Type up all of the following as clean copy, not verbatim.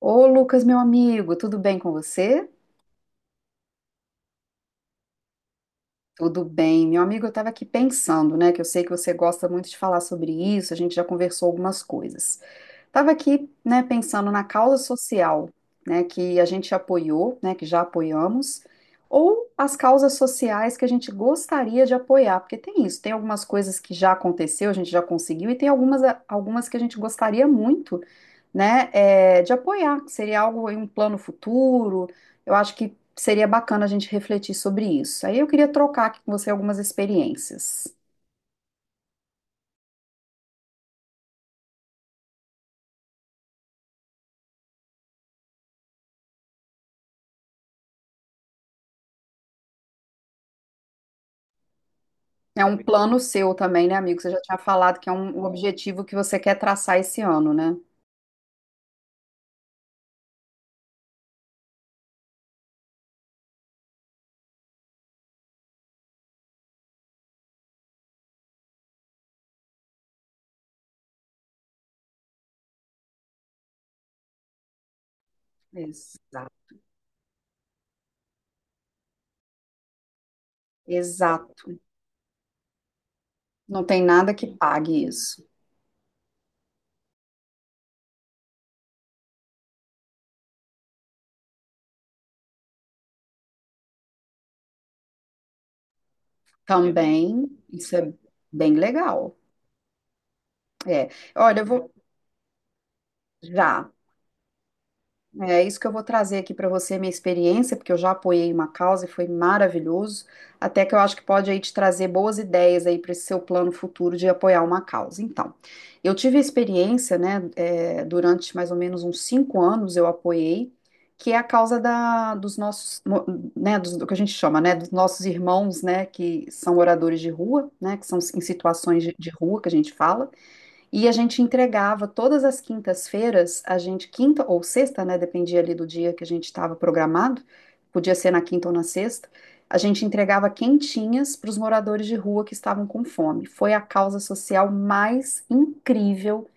Ô, Lucas, meu amigo, tudo bem com você? Tudo bem. Meu amigo, eu estava aqui pensando, né, que eu sei que você gosta muito de falar sobre isso, a gente já conversou algumas coisas. Estava aqui, né, pensando na causa social, né, que a gente apoiou, né, que já apoiamos, ou as causas sociais que a gente gostaria de apoiar, porque tem isso, tem algumas coisas que já aconteceu, a gente já conseguiu, e tem algumas que a gente gostaria muito né, de apoiar, que seria algo em um plano futuro. Eu acho que seria bacana a gente refletir sobre isso. Aí eu queria trocar aqui com você algumas experiências. É um plano seu também, né, amigo? Você já tinha falado que é um objetivo que você quer traçar esse ano, né? Exato. Exato. Não tem nada que pague isso. Também, isso é bem legal. É. Olha, eu vou já. É isso que eu vou trazer aqui para você, minha experiência, porque eu já apoiei uma causa e foi maravilhoso. Até que eu acho que pode aí te trazer boas ideias aí para esse seu plano futuro de apoiar uma causa. Então, eu tive a experiência, né, durante mais ou menos uns 5 anos eu apoiei, que é a causa dos nossos, né, do que a gente chama, né, dos nossos irmãos, né, que são moradores de rua, né, que são em situações de rua que a gente fala. E a gente entregava todas as quintas-feiras, a gente, quinta ou sexta, né? Dependia ali do dia que a gente estava programado, podia ser na quinta ou na sexta, a gente entregava quentinhas para os moradores de rua que estavam com fome. Foi a causa social mais incrível,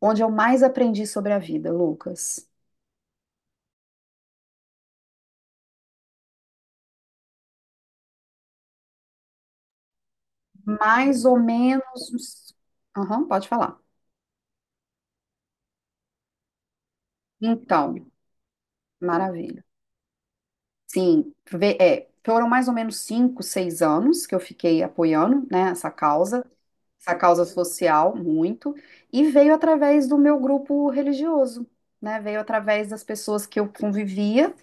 onde eu mais aprendi sobre a vida, Lucas. Mais ou menos. uns- Aham, pode falar. Então, maravilha. Sim, foram mais ou menos 5, 6 anos que eu fiquei apoiando, né, essa causa social muito, e veio através do meu grupo religioso, né? Veio através das pessoas que eu convivia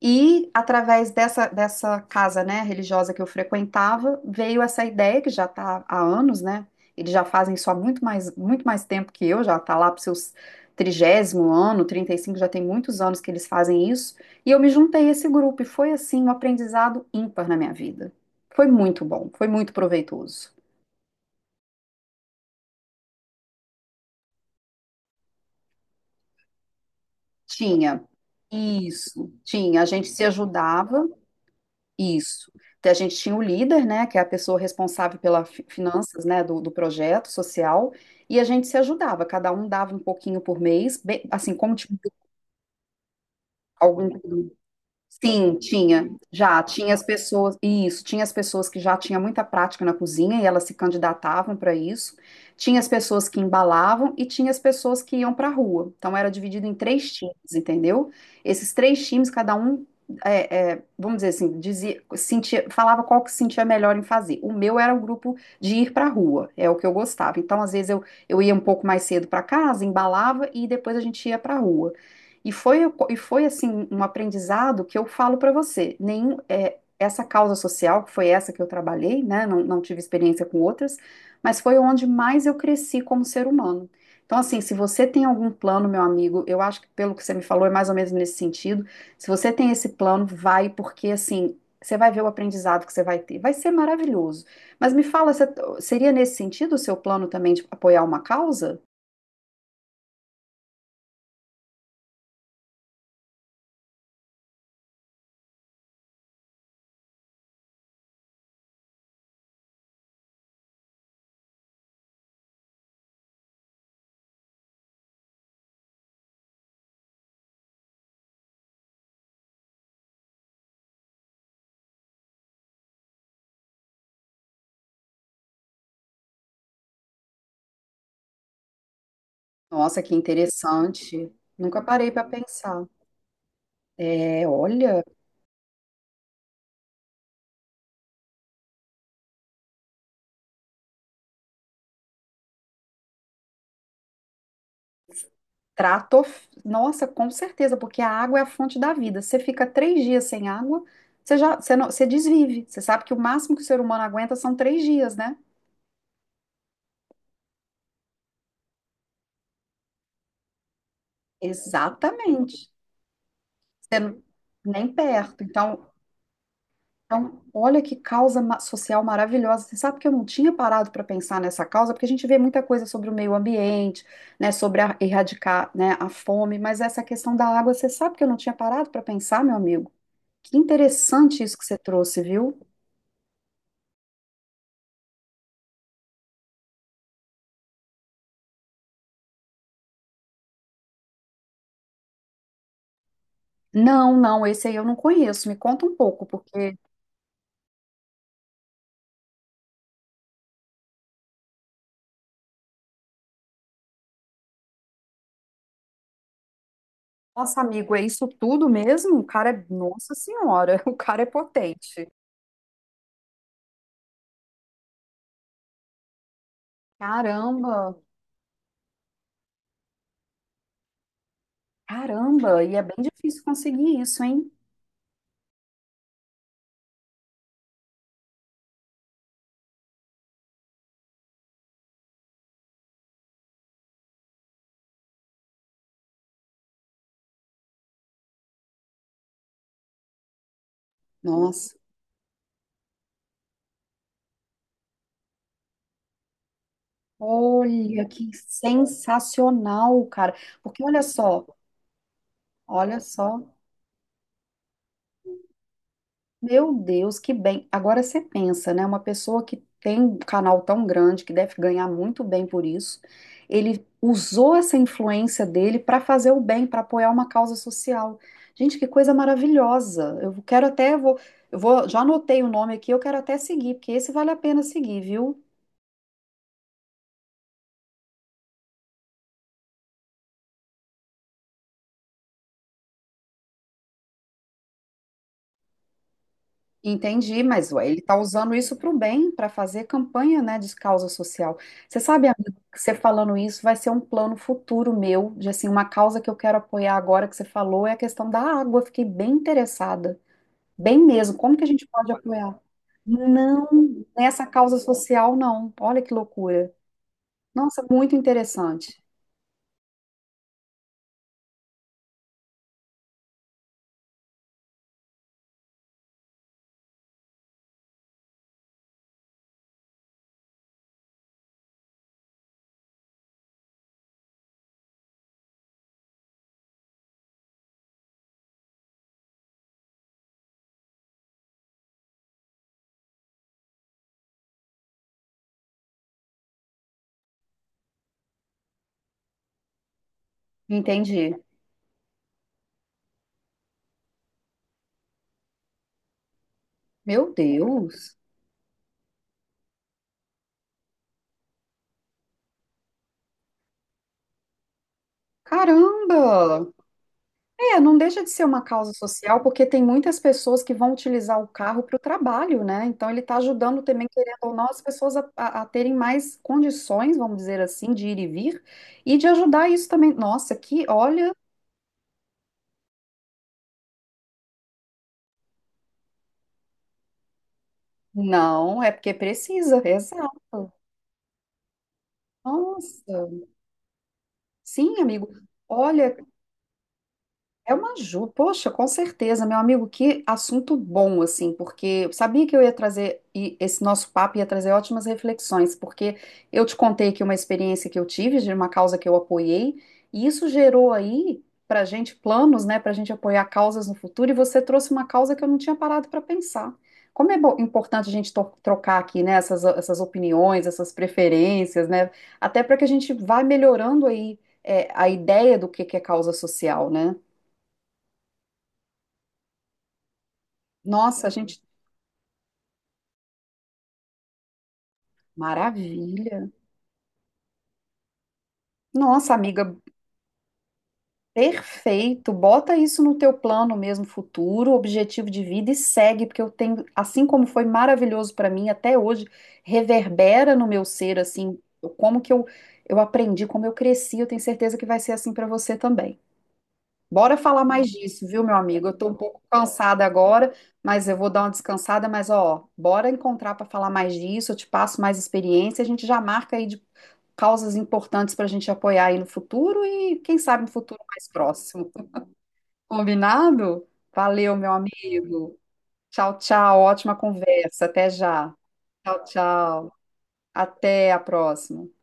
e através dessa casa, né, religiosa que eu frequentava, veio essa ideia que já está há anos, né? Eles já fazem isso há muito mais tempo que eu, já está lá para os seus 30º ano, 35 já tem muitos anos que eles fazem isso, e eu me juntei a esse grupo, e foi assim um aprendizado ímpar na minha vida. Foi muito bom, foi muito proveitoso. Tinha. Isso, tinha. A gente se ajudava, isso. Então, a gente tinha o líder, né, que é a pessoa responsável pelas finanças, né, do projeto social, e a gente se ajudava. Cada um dava um pouquinho por mês, assim, como tinha algum. Sim, tinha, já tinha as pessoas, isso, tinha as pessoas que já tinham muita prática na cozinha e elas se candidatavam para isso, tinha as pessoas que embalavam e tinha as pessoas que iam para a rua. Então era dividido em três times, entendeu? Esses três times, cada um, vamos dizer assim, dizia, sentia, falava qual que sentia melhor em fazer. O meu era o grupo de ir para a rua, é o que eu gostava. Então às vezes eu ia um pouco mais cedo para casa, embalava e depois a gente ia para a rua. E foi assim um aprendizado que eu falo para você. Nenhum, essa causa social, que foi essa que eu trabalhei, né? Não, não tive experiência com outras, mas foi onde mais eu cresci como ser humano. Então, assim, se você tem algum plano, meu amigo, eu acho que pelo que você me falou é mais ou menos nesse sentido. Se você tem esse plano, vai, porque assim, você vai ver o aprendizado que você vai ter. Vai ser maravilhoso. Mas me fala, seria nesse sentido o seu plano também de apoiar uma causa? Nossa, que interessante. Nunca parei para pensar. É, olha, trato. Nossa, com certeza, porque a água é a fonte da vida. Você fica 3 dias sem água, você já, você não, você desvive. Você sabe que o máximo que o ser humano aguenta são 3 dias, né? Exatamente. Você não- nem perto. Então, olha que causa social maravilhosa. Você sabe que eu não tinha parado para pensar nessa causa, porque a gente vê muita coisa sobre o meio ambiente, né, sobre erradicar, né, a fome, mas essa questão da água, você sabe que eu não tinha parado para pensar, meu amigo. Que interessante isso que você trouxe, viu? Não, não, esse aí eu não conheço. Me conta um pouco, porque, nossa, amigo, é isso tudo mesmo? O cara é, nossa senhora, o cara é potente. Caramba, caramba, e é bem difícil conseguir isso, hein? Nossa, olha que sensacional, cara. Porque olha só, olha só. Meu Deus, que bem. Agora você pensa, né? Uma pessoa que tem um canal tão grande, que deve ganhar muito bem por isso, ele usou essa influência dele para fazer o bem, para apoiar uma causa social. Gente, que coisa maravilhosa. Eu quero até, eu vou, já anotei o nome aqui, eu quero até seguir, porque esse vale a pena seguir, viu? Entendi, mas ué, ele está usando isso para o bem, para fazer campanha, né, de causa social. Você sabe, amigo, que você falando isso vai ser um plano futuro meu, de assim, uma causa que eu quero apoiar agora que você falou é a questão da água. Eu fiquei bem interessada, bem mesmo. Como que a gente pode apoiar? Não, nessa causa social não. Olha que loucura. Nossa, muito interessante. Entendi. Meu Deus. Caramba! É, não deixa de ser uma causa social, porque tem muitas pessoas que vão utilizar o carro para o trabalho, né? Então ele está ajudando também, querendo ou não, as pessoas a terem mais condições, vamos dizer assim, de ir e vir, e de ajudar isso também. Nossa, olha, não, é porque precisa, exato. Nossa, sim, amigo. Olha, é uma ajuda, poxa, com certeza, meu amigo, que assunto bom, assim, porque eu sabia que eu ia trazer, e esse nosso papo ia trazer ótimas reflexões, porque eu te contei aqui uma experiência que eu tive de uma causa que eu apoiei, e isso gerou aí pra gente planos, né, pra gente apoiar causas no futuro, e você trouxe uma causa que eu não tinha parado para pensar. Como é importante a gente trocar aqui, né, essas opiniões, essas preferências, né, até para que a gente vá melhorando aí, a ideia do que é causa social, né? Nossa, gente, maravilha. Nossa, amiga, perfeito. Bota isso no teu plano mesmo futuro, objetivo de vida e segue, porque eu tenho, assim como foi maravilhoso para mim até hoje, reverbera no meu ser assim, como que eu aprendi, como eu cresci, eu tenho certeza que vai ser assim para você também. Bora falar mais disso, viu, meu amigo? Eu tô um pouco cansada agora, mas eu vou dar uma descansada, mas ó, bora encontrar para falar mais disso, eu te passo mais experiência, a gente já marca aí de causas importantes para a gente apoiar aí no futuro e quem sabe no futuro mais próximo. Combinado? Valeu, meu amigo. Tchau, tchau. Ótima conversa. Até já. Tchau, tchau. Até a próxima.